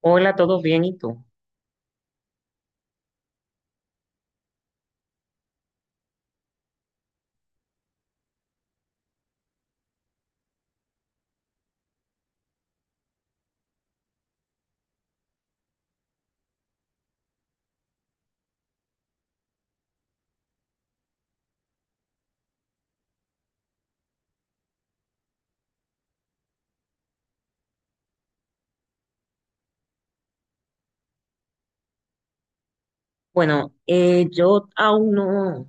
Hola, ¿todo bien? ¿Y tú? Bueno, yo aún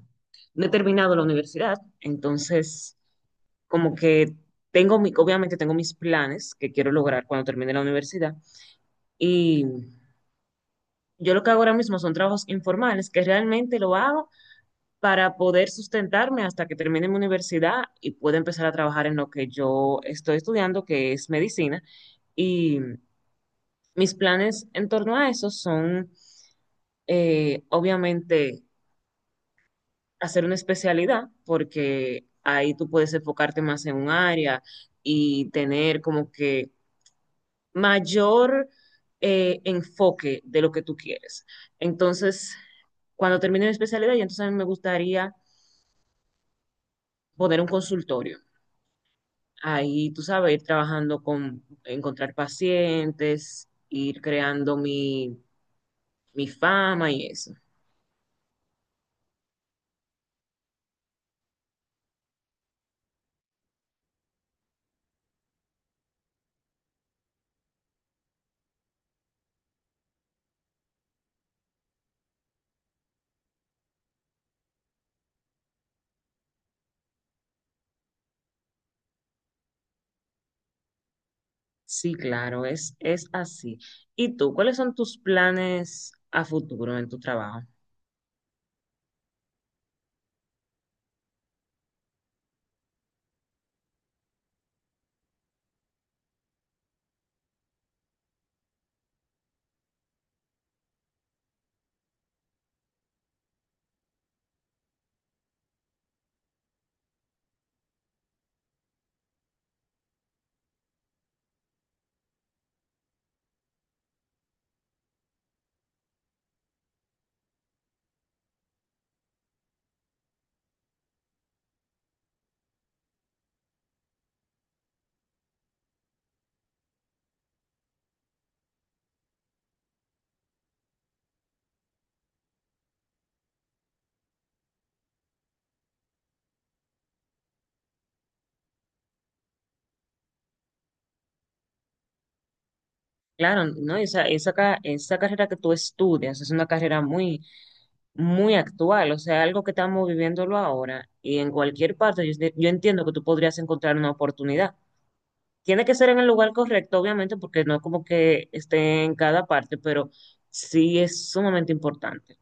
no he terminado la universidad, entonces como que obviamente tengo mis planes que quiero lograr cuando termine la universidad, y yo lo que hago ahora mismo son trabajos informales que realmente lo hago para poder sustentarme hasta que termine mi universidad y pueda empezar a trabajar en lo que yo estoy estudiando, que es medicina. Y mis planes en torno a eso son, obviamente hacer una especialidad porque ahí tú puedes enfocarte más en un área y tener como que mayor enfoque de lo que tú quieres. Entonces, cuando termine mi especialidad, y entonces a mí me gustaría poner un consultorio. Ahí, tú sabes, ir trabajando con encontrar pacientes, ir creando mi fama y eso. Sí, claro, es así. ¿Y tú, cuáles son tus planes a futuro en tu trabajo? Claro, ¿no? Esa carrera que tú estudias es una carrera muy actual, o sea, algo que estamos viviéndolo ahora y en cualquier parte yo entiendo que tú podrías encontrar una oportunidad. Tiene que ser en el lugar correcto, obviamente, porque no como que esté en cada parte, pero sí es sumamente importante.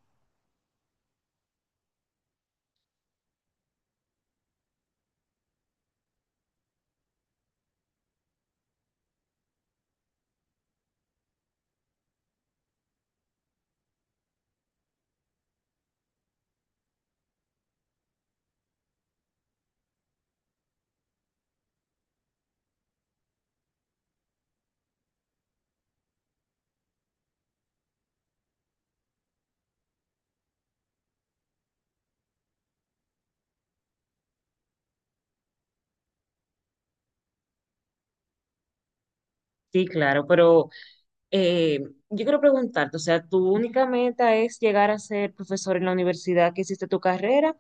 Sí, claro, pero Eh, yo quiero preguntarte, o sea, ¿tu única meta es llegar a ser profesor en la universidad que hiciste tu carrera?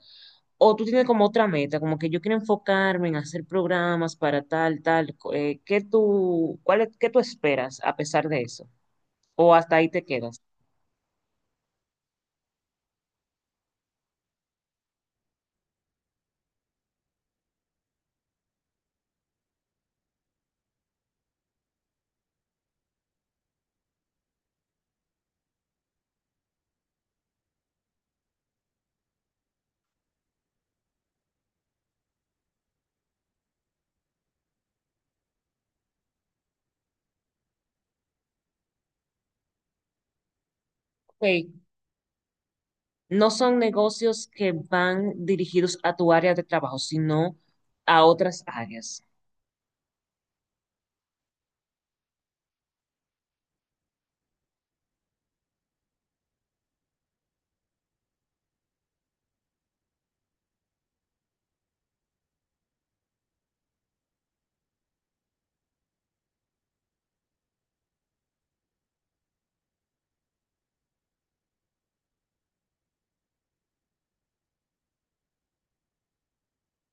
¿O tú tienes como otra meta, como que yo quiero enfocarme en hacer programas para ¿qué tú, qué tú esperas a pesar de eso? ¿O hasta ahí te quedas? Ok, no son negocios que van dirigidos a tu área de trabajo, sino a otras áreas.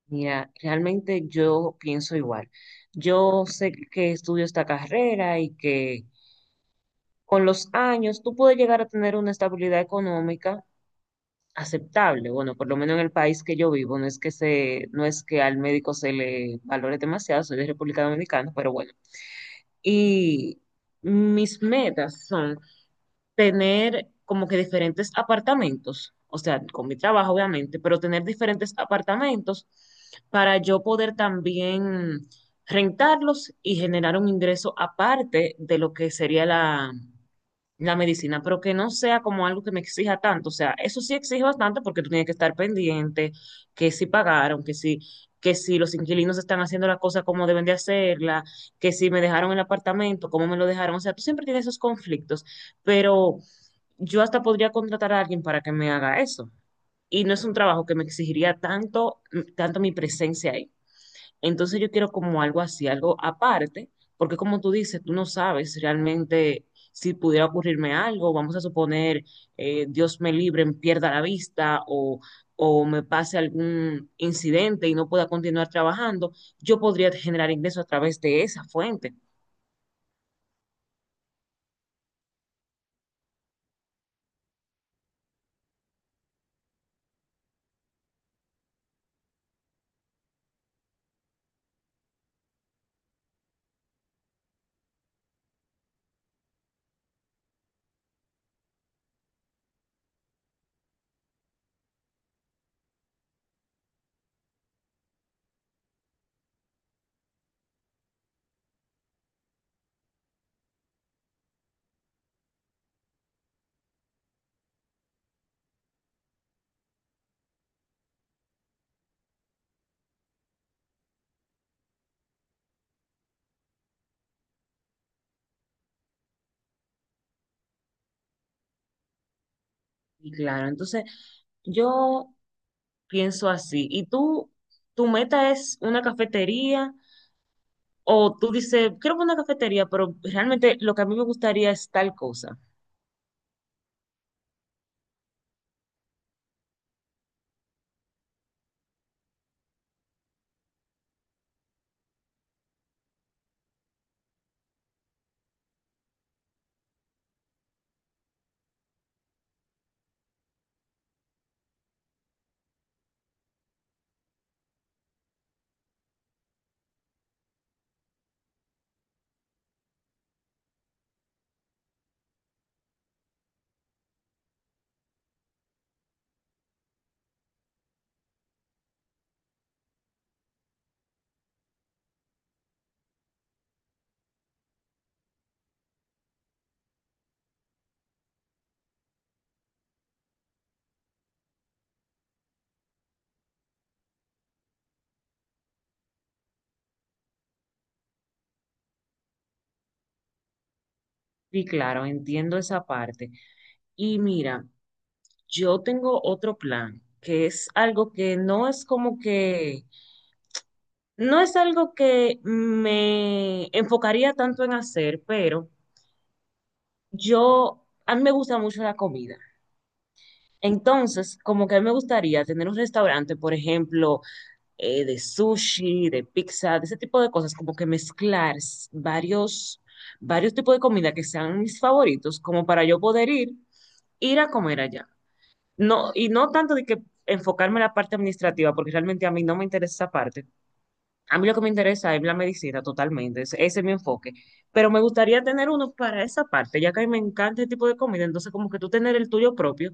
Mira, realmente yo pienso igual. Yo sé que estudio esta carrera y que con los años tú puedes llegar a tener una estabilidad económica aceptable. Bueno, por lo menos en el país que yo vivo, no es que no es que al médico se le valore demasiado, soy de República Dominicana, pero bueno. Y mis metas son tener como que diferentes apartamentos, o sea, con mi trabajo obviamente, pero tener diferentes apartamentos para yo poder también rentarlos y generar un ingreso aparte de lo que sería la medicina, pero que no sea como algo que me exija tanto. O sea, eso sí exige bastante porque tú tienes que estar pendiente, que si pagaron, que si los inquilinos están haciendo la cosa como deben de hacerla, que si me dejaron el apartamento, cómo me lo dejaron. O sea, tú siempre tienes esos conflictos, pero yo hasta podría contratar a alguien para que me haga eso. Y no es un trabajo que me exigiría tanto, tanto mi presencia ahí. Entonces yo quiero como algo así, algo aparte, porque como tú dices, tú no sabes realmente si pudiera ocurrirme algo, vamos a suponer, Dios me libre, pierda la vista o me pase algún incidente y no pueda continuar trabajando, yo podría generar ingresos a través de esa fuente. Y claro, entonces yo pienso así. ¿Y tú, tu meta es una cafetería o tú dices, quiero una cafetería, pero realmente lo que a mí me gustaría es tal cosa? Sí, claro, entiendo esa parte. Y mira, yo tengo otro plan, que es algo que no es como no es algo que me enfocaría tanto en hacer, pero a mí me gusta mucho la comida. Entonces, como que a mí me gustaría tener un restaurante, por ejemplo, de sushi, de pizza, de ese tipo de cosas, como que mezclar varios tipos de comida que sean mis favoritos, como para yo poder ir a comer allá. No, y no tanto de que enfocarme en la parte administrativa, porque realmente a mí no me interesa esa parte. A mí lo que me interesa es la medicina totalmente, ese es mi enfoque. Pero me gustaría tener uno para esa parte, ya que a mí me encanta este tipo de comida, entonces como que tú tener el tuyo propio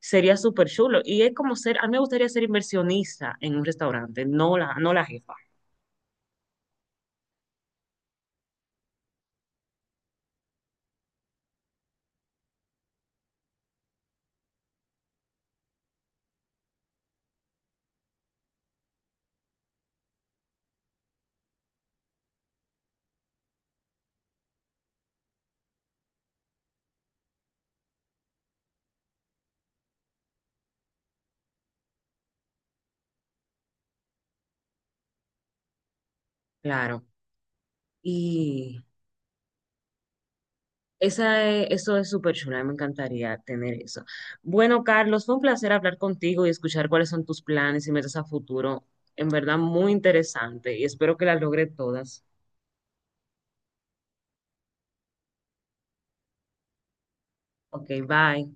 sería súper chulo. Y es como ser, a mí me gustaría ser inversionista en un restaurante, no la jefa, claro. Y Eso es súper chula, me encantaría tener eso. Bueno, Carlos, fue un placer hablar contigo y escuchar cuáles son tus planes y metas a futuro. En verdad, muy interesante y espero que las logre todas. Ok, bye.